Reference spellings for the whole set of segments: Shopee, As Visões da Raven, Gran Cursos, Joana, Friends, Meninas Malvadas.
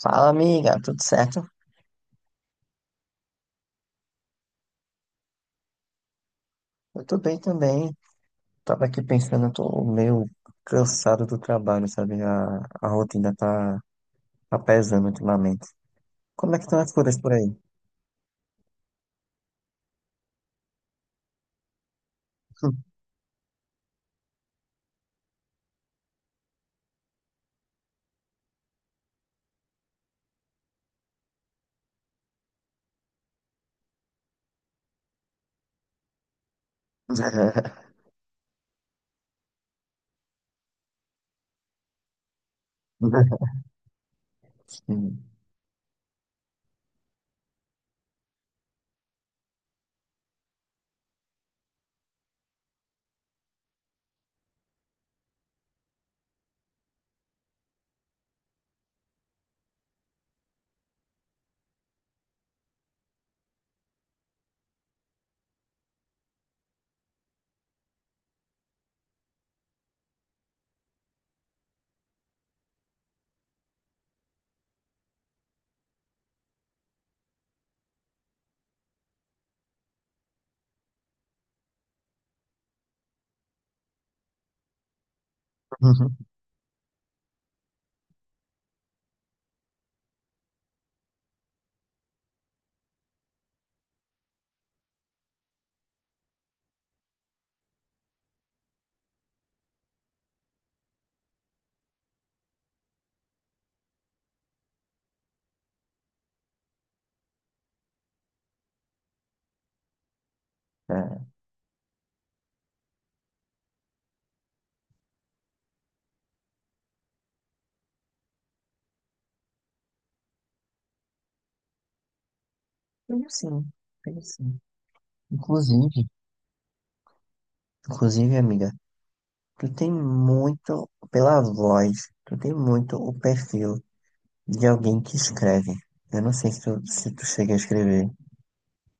Fala, amiga, tudo certo? Eu tô bem também. Tava aqui pensando, eu tô meio cansado do trabalho, sabe? A rotina tá pesando ultimamente. Como é que estão as coisas por aí? Sim. É, tenho sim, tenho sim. Inclusive, inclusive, amiga, tu tem muito, pela voz, tu tem muito o perfil de alguém que escreve. Eu não sei se tu chega a escrever.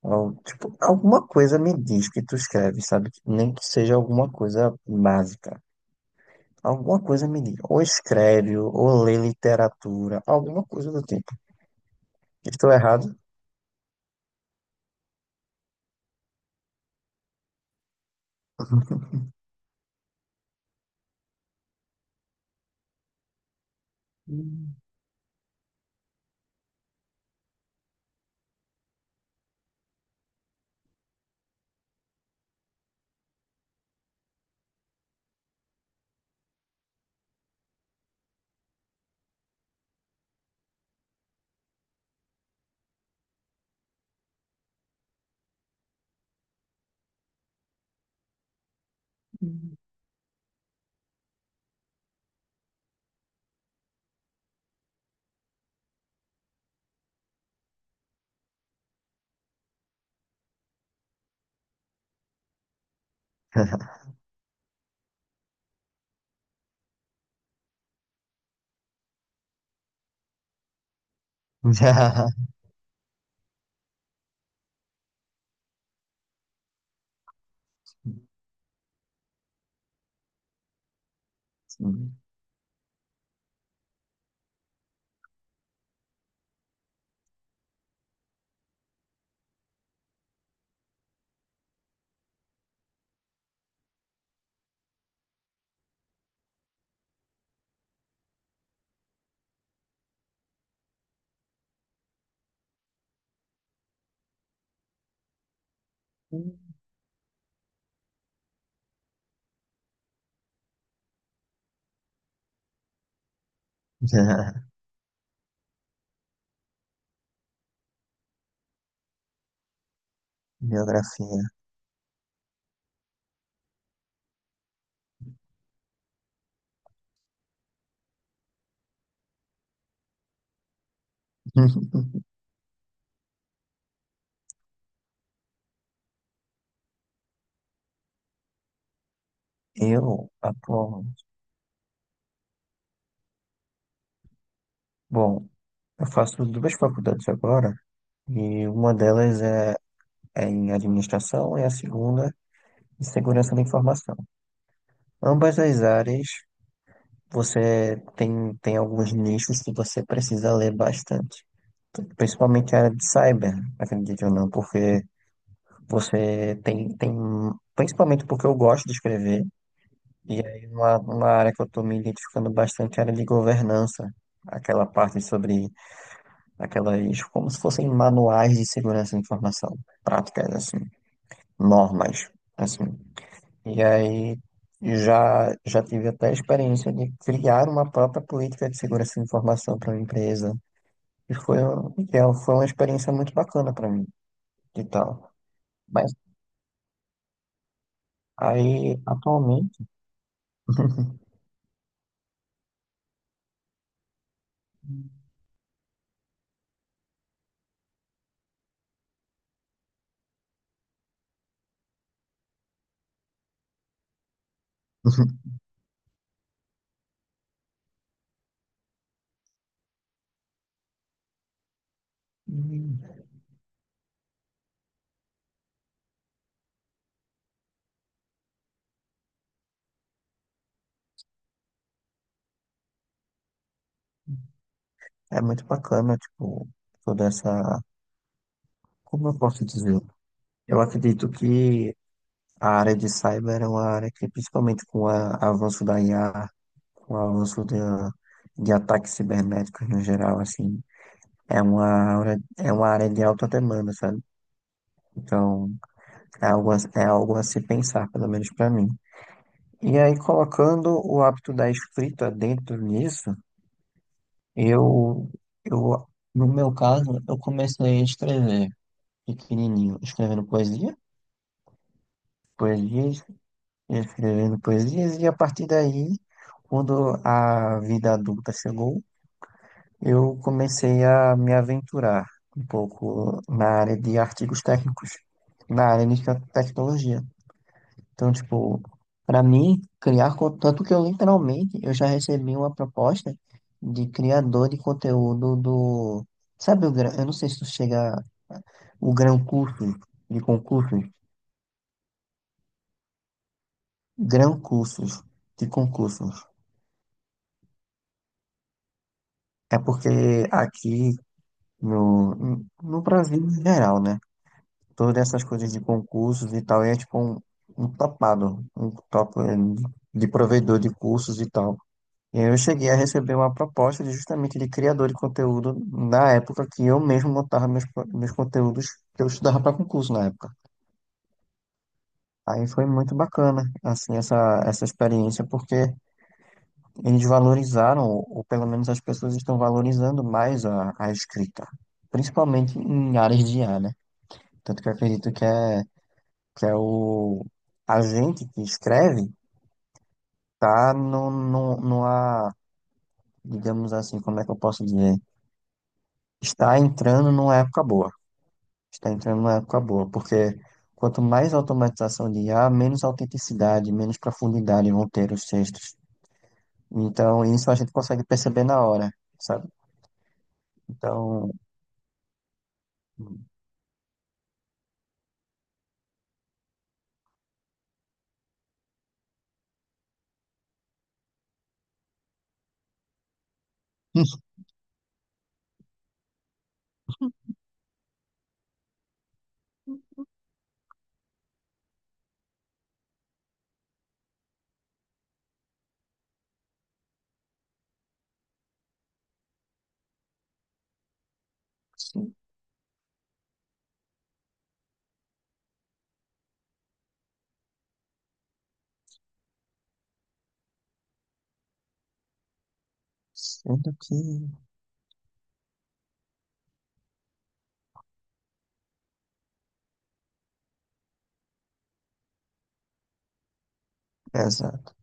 Tipo, alguma coisa me diz que tu escreve, sabe? Que nem que seja alguma coisa básica. Alguma coisa me diz. Ou escreve, ou lê literatura, alguma coisa do tipo. Estou errado? Hum. Já. Sim. Já. Biografia. Eu atualmente. Bom, eu faço duas faculdades agora, e uma delas é em administração e a segunda em segurança da informação. Ambas as áreas você tem alguns nichos que você precisa ler bastante. Principalmente a área de cyber, acredite ou não, porque você principalmente porque eu gosto de escrever, e aí uma área que eu estou me identificando bastante é a área de governança, aquela parte sobre aquelas, como se fossem manuais de segurança da informação, práticas assim, normas, assim. E aí já tive até a experiência de criar uma própria política de segurança de informação para uma empresa. E foi, foi uma experiência muito bacana para mim e tal. Mas aí, atualmente, Hum. É muito bacana, tipo, toda essa. Como eu posso dizer? Eu acredito que a área de cyber é uma área que, principalmente com o avanço da IA, com o avanço de ataques cibernéticos no geral, assim, é uma, é uma área de alta demanda, sabe? Então, é algo, é algo a se pensar, pelo menos para mim. E aí, colocando o hábito da escrita dentro nisso, eu, eu, no meu caso, eu comecei a escrever pequenininho, escrevendo poesias, escrevendo poesias, e a partir daí, quando a vida adulta chegou, eu comecei a me aventurar um pouco na área de artigos técnicos, na área de tecnologia. Então, tipo, para mim, criar, tanto que eu literalmente, eu já recebi uma proposta de criador de conteúdo do, sabe o Gran, eu não sei se tu chega, o Gran Cursos, de concursos, Gran Cursos, de concursos. É porque aqui no Brasil em geral, né? Todas essas coisas de concursos e tal, é tipo um, um topado, um top de provedor de cursos e tal. E aí eu cheguei a receber uma proposta de, justamente de criador de conteúdo na época que eu mesmo montava meus, meus conteúdos que eu estudava para concurso na época. Aí foi muito bacana, assim, essa experiência, porque eles valorizaram, ou pelo menos as pessoas estão valorizando mais a escrita, principalmente em áreas de IA, né? Tanto que eu acredito que é o a gente que escreve, tá no, no, numa, digamos assim, como é que eu posso dizer? Está entrando numa época boa. Está entrando numa época boa, porque quanto mais automatização de IA, menos autenticidade, menos profundidade vão ter os textos. Então, isso a gente consegue perceber na hora, sabe? Então, sim, sendo que. Exato.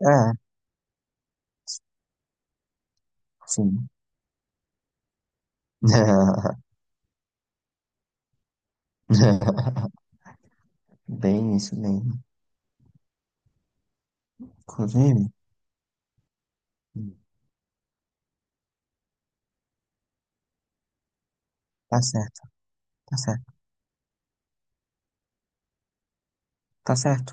É, sim. Bem isso mesmo. Inclusive, tá certo. Tá certo. Tá certo.